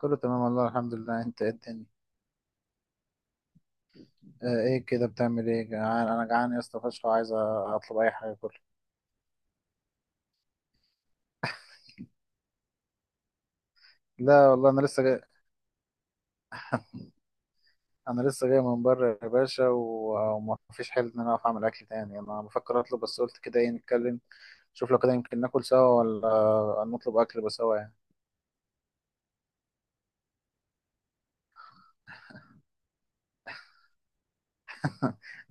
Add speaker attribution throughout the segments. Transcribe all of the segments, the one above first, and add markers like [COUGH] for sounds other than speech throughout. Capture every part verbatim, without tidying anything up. Speaker 1: كله تمام والله الحمد لله. انت ايه الدنيا؟ اه، ايه كده بتعمل ايه؟ جعان، انا جعان يا اسطى فشخ وعايز اطلب اي حاجه كله. لا والله انا لسه جاي. انا لسه جاي من بره يا باشا و- وما فيش حل ان انا اقف اعمل اكل تاني، انا بفكر اطلب، بس قلت كده ايه نتكلم. شوف لو كده يمكن ناكل سوا ولا نطلب اكل بس سوا يعني.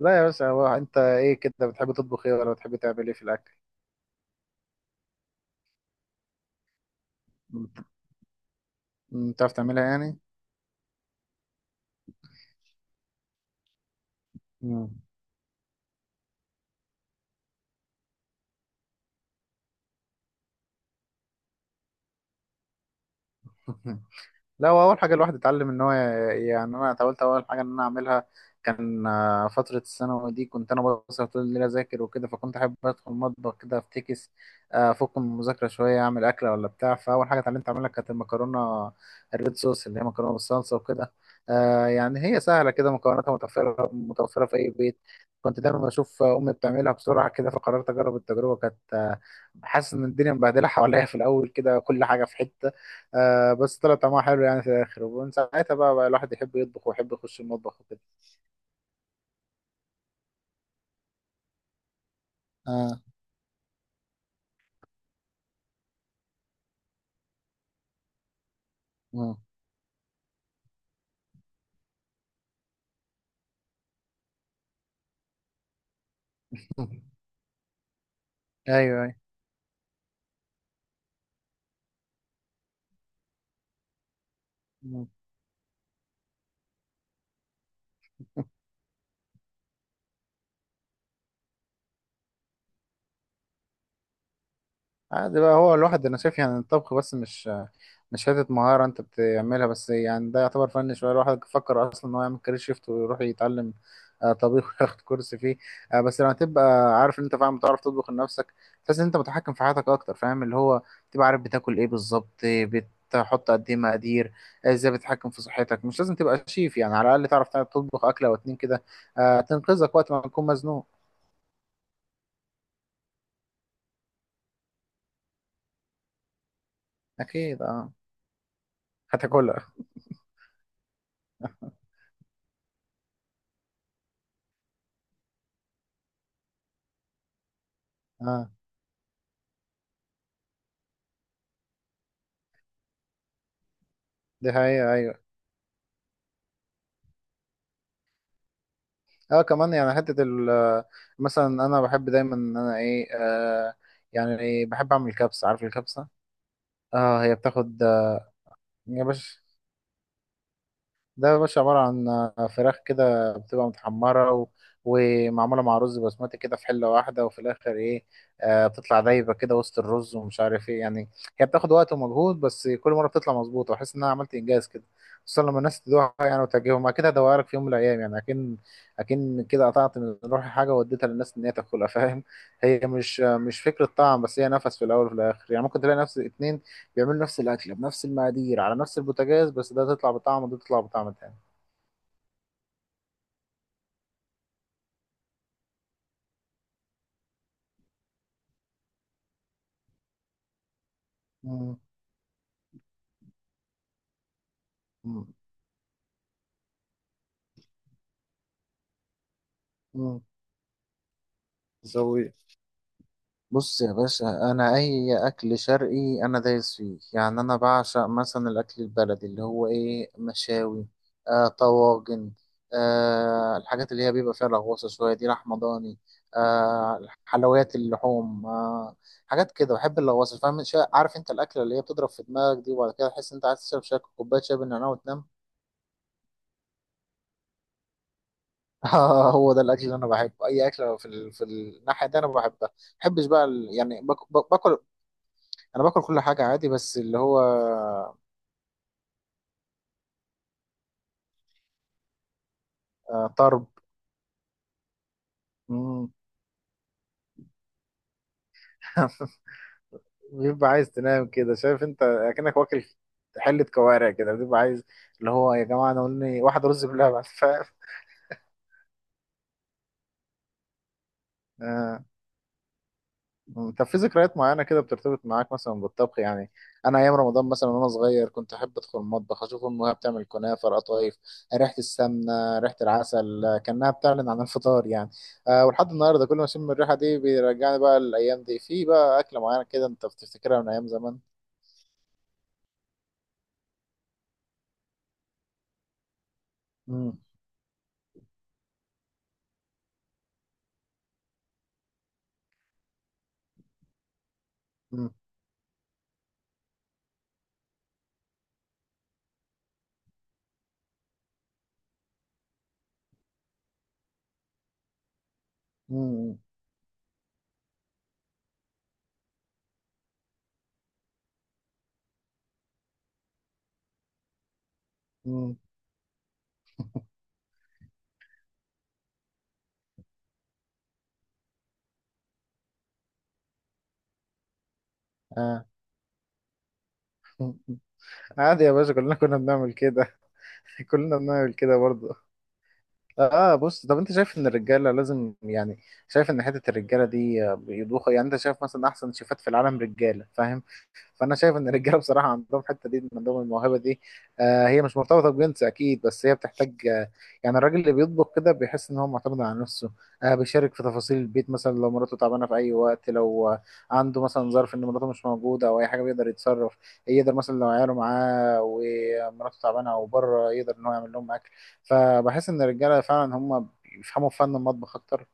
Speaker 1: لا يا باشا، هو انت ايه كده بتحب تطبخ ايه ولا بتحب تعمل ايه في الاكل؟ بت- بتعرف تعملها يعني؟ مم. [LAUGHS] لا، هو اول حاجه الواحد اتعلم ان هو يعني انا حاولت اول حاجه ان انا اعملها كان آه، فتره الثانوي دي، كنت انا بسهر طول الليل اذاكر وكده، فكنت احب ادخل المطبخ كده افتكس آه، افك من المذاكره شويه، اعمل اكله ولا بتاع. فاول حاجه اتعلمت اعملها كانت المكرونه الريد صوص اللي هي مكرونه بالصلصه وكده. آه، يعني هي سهله كده، مكوناتها متوفره متوفره في اي بيت. كنت دايما بشوف امي بتعملها بسرعه كده، فقررت اجرب التجربه. كانت آه، حاسس ان الدنيا مبهدله حواليا في الاول كده، كل حاجه في حته. آه، بس طلع طعمها حلو يعني في الاخر، ومن ساعتها بقى, بقى الواحد يحب يطبخ ويحب يخش المطبخ وكده. اه. اه. [LAUGHS] ايوه، ايوه. عادي بقى. هو الواحد انا شايف يعني الطبخ بس مش مش حته مهاره انت بتعملها بس، يعني ده يعتبر فن شويه. الواحد فكر اصلا ان هو يعمل كارير شيفت ويروح يتعلم آه، طبيخ [LAUGHS] وياخد كورس فيه. آه، بس لما تبقى عارف ان انت فعلا بتعرف تطبخ لنفسك، تحس ان انت متحكم في حياتك اكتر، فاهم؟ اللي هو تبقى عارف بتاكل ايه بالظبط، آه، بتحط قد ايه مقادير، آه، ازاي بتتحكم في صحتك. مش لازم تبقى شيف يعني، على الاقل تعرف تطبخ اكله او اتنين كده آه، تنقذك وقت ما تكون مزنوق. اكيد. اه. هتاكلها. اه. دي حقيقة، ايوه. اه كمان يعني حتة ال آه، مثلا انا بحب دايما ان انا ايه آه يعني بحب اعمل كبسة. عارف الكبسة؟ اه، هي بتاخد آه، يا باشا، ده يا باشا عبارة عن فراخ كده بتبقى متحمرة و... ومعمولة مع رز بسمتي كده في حلة واحدة، وفي الآخر إيه، آه بتطلع دايبة كده وسط الرز ومش عارف إيه يعني. هي بتاخد وقت ومجهود، بس كل مرة بتطلع مظبوطة وأحس إن أنا عملت إنجاز كده، خصوصا لما الناس تدوقها يعني وتعجبهم. أكيد هدوقها لك في يوم من الأيام يعني. أكن أكن كده قطعت من روحي حاجة واديتها للناس إن هي تاكلها، فاهم؟ هي مش مش فكرة طعم بس، هي نفس في الأول وفي الآخر. يعني ممكن تلاقي نفس اتنين بيعملوا نفس الأكلة بنفس المقادير على نفس البوتاجاز، بس ده تطلع بطعم وده تطلع بطعم تاني. مم. مم. مم. زوي. بص يا باشا، أنا أي أكل شرقي أنا دايس فيه، يعني أنا بعشق مثلا الأكل البلدي اللي هو إيه، مشاوي، آه طواجن، آه الحاجات اللي هي بيبقى فيها لغوصة شوية دي، لحمة ضاني، آه حلويات اللحوم، آه حاجات كده بحب اللغوصة، فاهم؟ شا- عارف أنت الأكلة اللي هي بتضرب في دماغك دي، وبعد كده تحس أنت عايز تشرب شاي، كوباية شاي بالنعناع وتنام. [LAUGHS] آه، هو ده الاكل اللي انا بحبه. اي اكل في ال... في الناحيه دي انا بحبها. ما بحبش بقى ال... يعني باك- ب... باكل. انا باكل كل حاجه عادي، بس اللي هو آه طرب. مم. [LAUGHS] بيبقى عايز تنام كده، شايف انت اكنك واكل حله كوارع كده، بيبقى عايز اللي هو يا جماعه انا قولني واحد رز بلبن. [LAUGHS] فاهم؟ آه. مم. طب في ذكريات معينة كده بترتبط معاك مثلا بالطبخ يعني؟ أنا أيام رمضان مثلا وأنا صغير كنت أحب أدخل المطبخ أشوف أمها بتعمل كنافة، القطايف، ريحة السمنة، ريحة العسل، آه، كأنها بتعلن عن الفطار يعني. أه ولحد النهاردة كل ما أشم الريحة دي بيرجعني بقى للأيام دي. في بقى أكلة معينة كده أنت بتفتكرها من أيام زمان؟ مم. مم. مم. مم. آه. [LAUGHS] عادي يا باشا، كلنا كنا بنعمل كده. [LAUGHS] كلنا بنعمل كده برضه. اه، بص طب انت شايف ان الرجاله لازم يعني، شايف ان حته الرجاله دي آه، بيضوخوا يعني؟ انت شايف مثلا احسن شيفات في العالم رجاله، فاهم؟ فانا شايف ان الرجاله بصراحه عندهم الحته دي، عندهم الموهبه دي. آه هي مش مرتبطه بجنس اكيد، بس هي بتحتاج آه، يعني الراجل اللي بيطبخ كده بيحس ان هو معتمد على نفسه، آه بيشارك في تفاصيل البيت. مثلا لو مراته تعبانه في اي وقت، لو آه عنده مثلا ظرف ان مراته مش موجوده او اي حاجه، بيقدر يتصرف. يقدر مثلا لو عياله معاه ومراته تعبانه او بره، يقدر ان هو يعمل لهم اكل. فبحس ان الرجاله فعلا هم بيفهموا في فن المطبخ اكتر.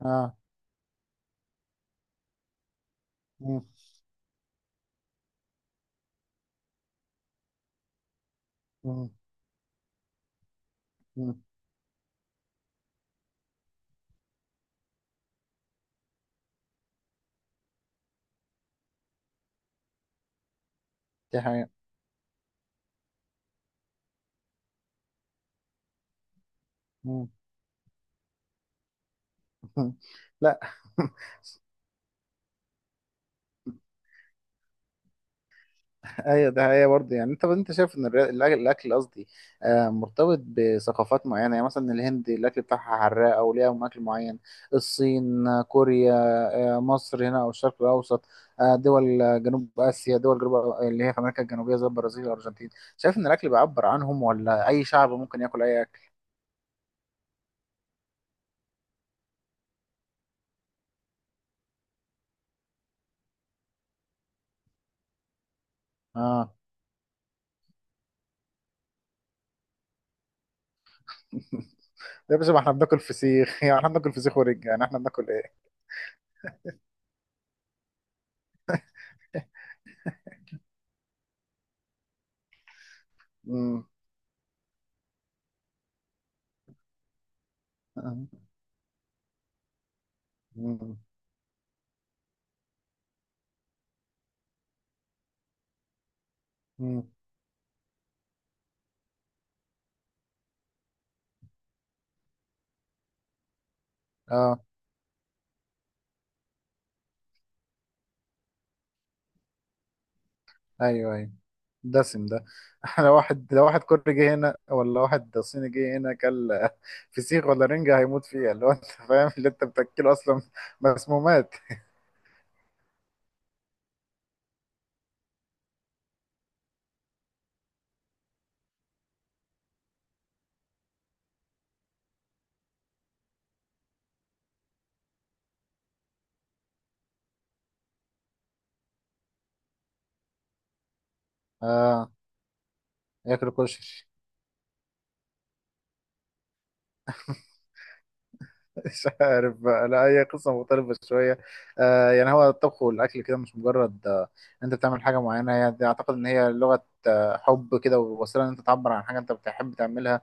Speaker 1: اه. مم. مم. مم. دي حقيقة. مم. [LAUGHS] لا. [LAUGHS] ايوه، ده هي برضه. يعني انت انت شايف ان الر- الأ- الاكل، قصدي آه، مرتبط بثقافات معينه؟ يعني مثلا الهند الاكل بتاعها حراق او ليها اكل معين، الصين، آه، كوريا، آه، مصر هنا او الشرق الاوسط، آه، دول آه، جنوب اسيا، دول جنوب آه، اللي هي في امريكا الجنوبيه زي البرازيل والارجنتين. شايف ان الاكل بيعبر عنهم، ولا اي شعب ممكن ياكل اي اكل؟ اه. [LAUGHS] يا باشا، ما احنا بناكل فسيخ. [LAUGHS] يعني احنا بناكل فسيخ ورج، يعني احنا بناكل ايه. [LAUGHS] امم امم امم. اه. ايوه، ايوه. دسم ده. [LAUGHS] لو واحد، لو واحد كوري جه هنا ولا واحد صيني جه هنا كل [LAUGHS] فسيخ ولا رنجة هيموت فيها، اللي هو انت فاهم اللي انت بتاكله اصلا مسمومات. اه ياكل كشري. [LAUGHS] مش عارف بقى، لا هي قصة مختلفة شوية. آه يعني هو الطبخ والأكل كده مش مجرد آه أنت بتعمل حاجة معينة. هي دي أعتقد إن هي لغة آه حب كده، ووسيلة إن أنت تعبر عن حاجة أنت بتحب تعملها. يعني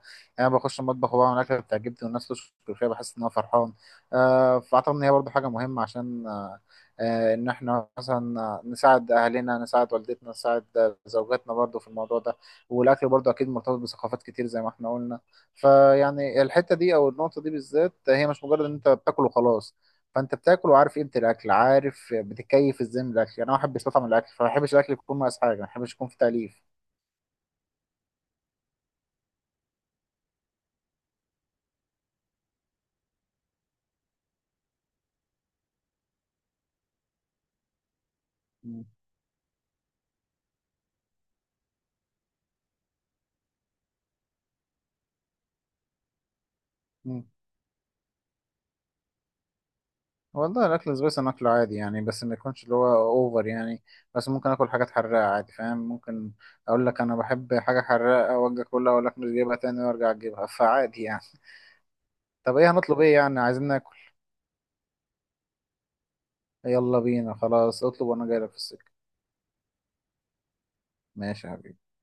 Speaker 1: أنا بخش المطبخ وبعمل أكلة بتعجبني والناس تشكر فيها، بحس إن أنا فرحان. آه فأعتقد إن هي برضه حاجة مهمة عشان آه، آه إن إحنا مثلا آه، نساعد أهلنا، نساعد والدتنا، نساعد آه، زوجاتنا برضه في الموضوع ده. والأكل برضه أكيد مرتبط بثقافات كتير زي ما إحنا قلنا. فيعني الحته دي او النقطه دي بالذات هي مش مجرد ان انت بتاكل وخلاص. فانت بتاكل وعارف قيمه الاكل، عارف بتكيف ازاي من الاكل. يعني انا واحد بيستطعم الاكل، فما بحبش الاكل يكون مقاس حاجه، ما بحبش يكون في تاليف. مم. مم. والله الاكل السبايسي اكله عادي يعني، بس ما يكونش اللي هو اوفر يعني. بس ممكن اكل حاجات حراقه عادي، فاهم. ممكن اقول لك انا بحب حاجه حراقه واجي اكلها، اقول لك مش جايبها تاني وارجع اجيبها. فعادي يعني. [LAUGHS] طب ايه هنطلب؟ ايه يعني عايزين ناكل؟ يلا بينا، خلاص اطلب وانا جاي لك في السكه. ماشي يا حبيبي.